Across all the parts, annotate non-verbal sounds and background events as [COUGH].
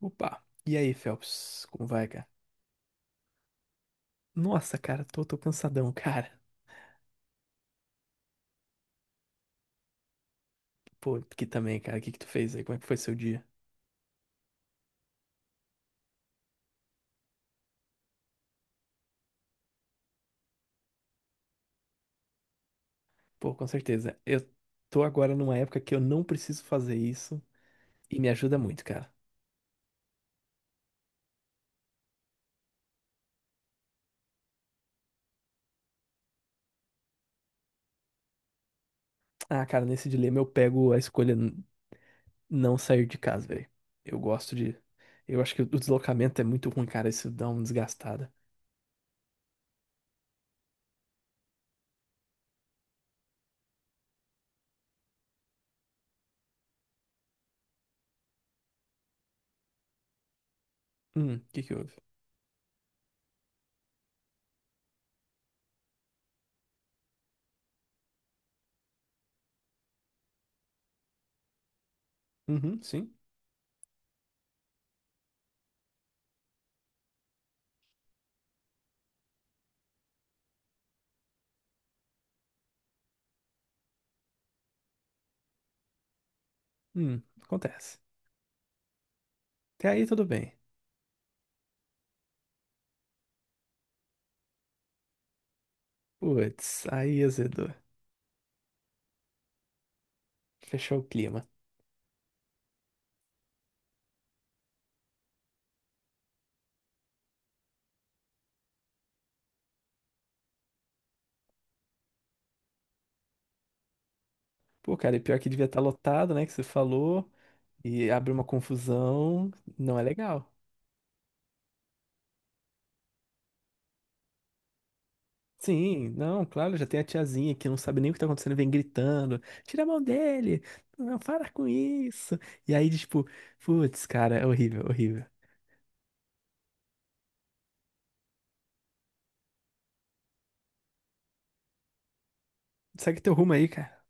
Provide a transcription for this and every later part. Opa! E aí, Phelps? Como vai, cara? Nossa, cara, tô cansadão, [LAUGHS] cara. Pô, aqui também, cara. O que que tu fez aí? Como é que foi seu dia? Pô, com certeza. Eu tô agora numa época que eu não preciso fazer isso e me ajuda muito, cara. Ah, cara, nesse dilema eu pego a escolha não sair de casa, velho. Eu gosto de. Eu acho que o deslocamento é muito ruim, cara. Isso dá uma desgastada. O que que houve? Uhum, sim. Acontece. Até aí tudo bem. Putz, aí azedou. Fechou o clima. Pô, cara, e pior que devia estar lotado, né? Que você falou. E abre uma confusão. Não é legal. Sim, não, claro, já tem a tiazinha que não sabe nem o que tá acontecendo, vem gritando. Tira a mão dele! Não, para com isso! E aí, tipo, putz, cara, é horrível, horrível. Segue teu rumo aí, cara.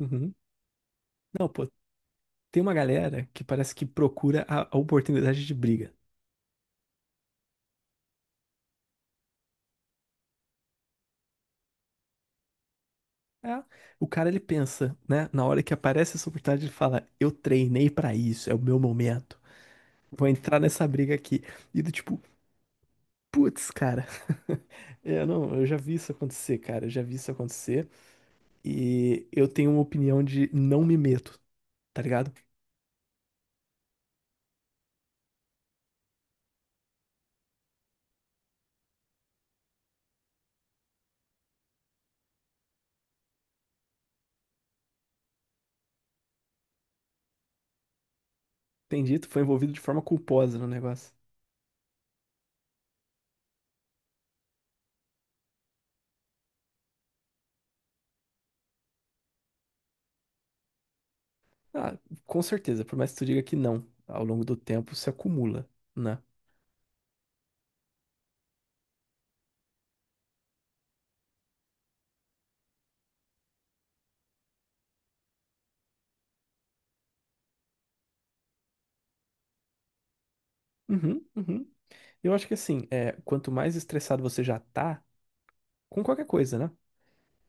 Uhum. Não, pô, tem uma galera que parece que procura a oportunidade de briga. É, o cara, ele pensa, né? Na hora que aparece essa oportunidade, ele fala: Eu treinei pra isso, é o meu momento. Vou entrar nessa briga aqui. E do tipo, putz, cara. [LAUGHS] Eu não, eu já vi isso acontecer, cara. Eu já vi isso acontecer. E eu tenho uma opinião de não me meto, tá ligado? Tem dito, foi envolvido de forma culposa no negócio. Ah, com certeza, por mais que tu diga que não, ao longo do tempo se acumula, né? Uhum, uhum. Eu acho que assim, é, quanto mais estressado você já tá, com qualquer coisa, né?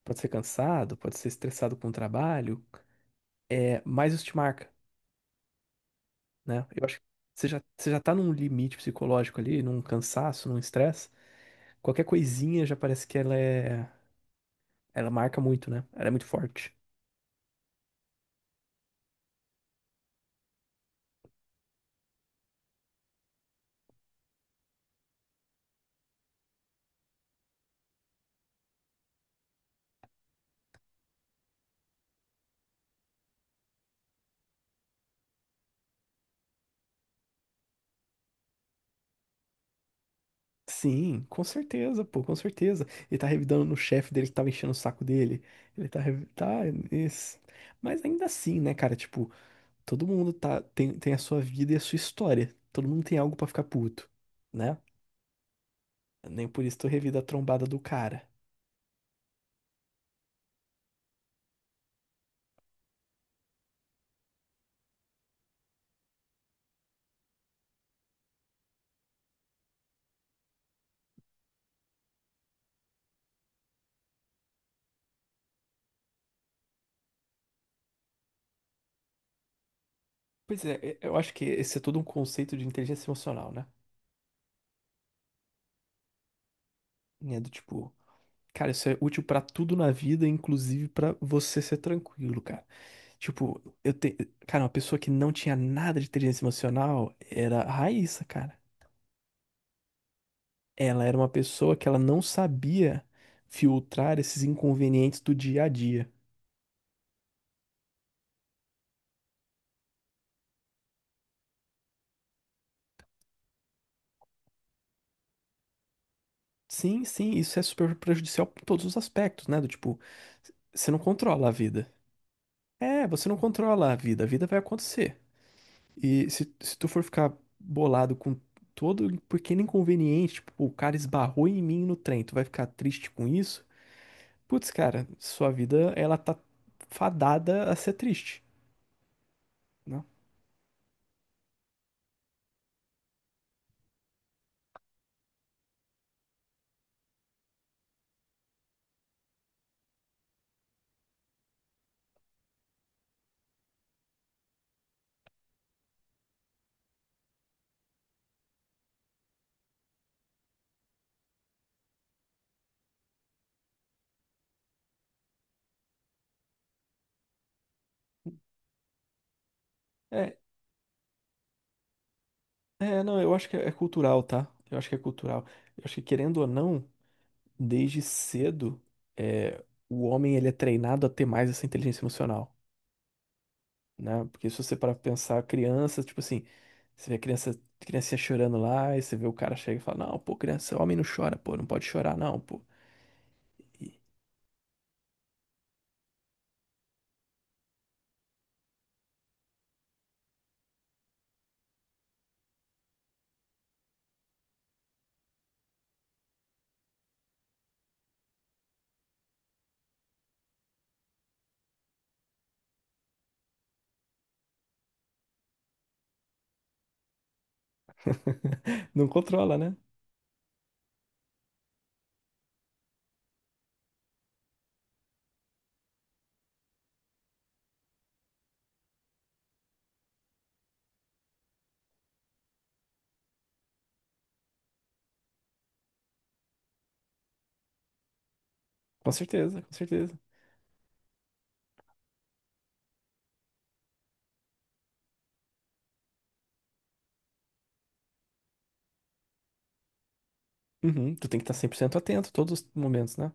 Pode ser cansado, pode ser estressado com o trabalho, é, mais isso te marca. Né? Eu acho que você já tá num limite psicológico ali, num cansaço, num estresse. Qualquer coisinha já parece que ela é. Ela marca muito, né? Ela é muito forte. Sim, com certeza, pô, com certeza. Ele tá revidando no chefe dele que tava enchendo o saco dele. Ele tá, revi- tá, isso. Mas ainda assim, né, cara? Tipo, todo mundo tá, tem a sua vida e a sua história. Todo mundo tem algo pra ficar puto, né? Nem por isso tu revida a trombada do cara. Pois é, eu acho que esse é todo um conceito de inteligência emocional, né? É do tipo, cara, isso é útil pra tudo na vida, inclusive pra você ser tranquilo, cara. Tipo, eu tenho. Cara, uma pessoa que não tinha nada de inteligência emocional era a Raíssa, cara. Ela era uma pessoa que ela não sabia filtrar esses inconvenientes do dia a dia. Sim, sim, isso é super prejudicial em todos os aspectos, né? Do tipo, você não controla a vida. É, você não controla a vida vai acontecer. E se tu for ficar bolado com todo pequeno inconveniente, tipo, pô, o cara esbarrou em mim no trem, tu vai ficar triste com isso? Putz, cara, sua vida, ela tá fadada a ser triste, né? É, não, eu acho que é cultural, tá? Eu acho que é cultural. Eu acho que, querendo ou não, desde cedo, é, o homem, ele é treinado a ter mais essa inteligência emocional. Né? Porque se você parar pra pensar, criança, tipo assim, você vê a criança, criança chorando lá, e você vê o cara chega e fala, não, pô, criança, homem não chora, pô, não pode chorar, não, pô. [LAUGHS] Não controla, né? Com certeza, com certeza. Uhum, tu tem que estar 100% atento todos os momentos, né?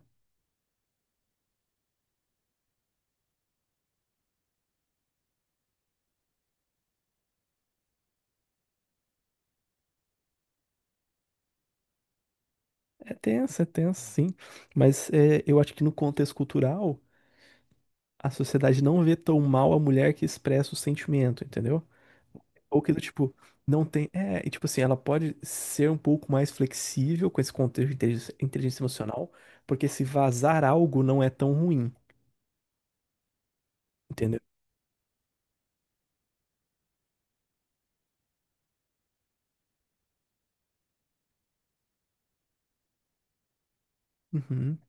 É tenso, sim. Mas é, eu acho que no contexto cultural, a sociedade não vê tão mal a mulher que expressa o sentimento, entendeu? Ou que do tipo, não tem. É, e tipo assim, ela pode ser um pouco mais flexível com esse contexto de inteligência emocional, porque se vazar algo não é tão ruim, entendeu? Uhum,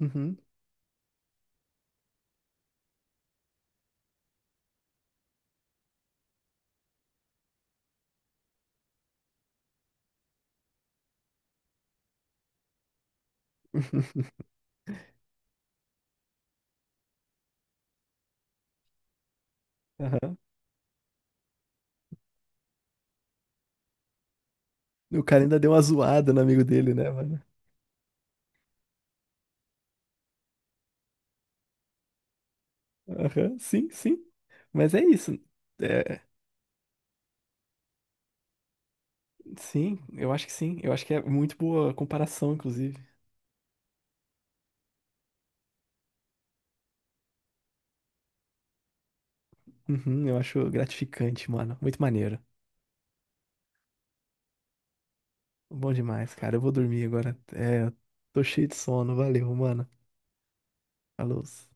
uhum, [LAUGHS] aham. O cara ainda deu uma zoada no amigo dele, né, mano? Aham, sim, sim. Mas é isso. É, sim, eu acho que sim. Eu acho que é muito boa comparação, inclusive. Uhum, eu acho gratificante, mano. Muito maneiro. Bom demais, cara. Eu vou dormir agora. É, tô cheio de sono. Valeu, mano. A luz.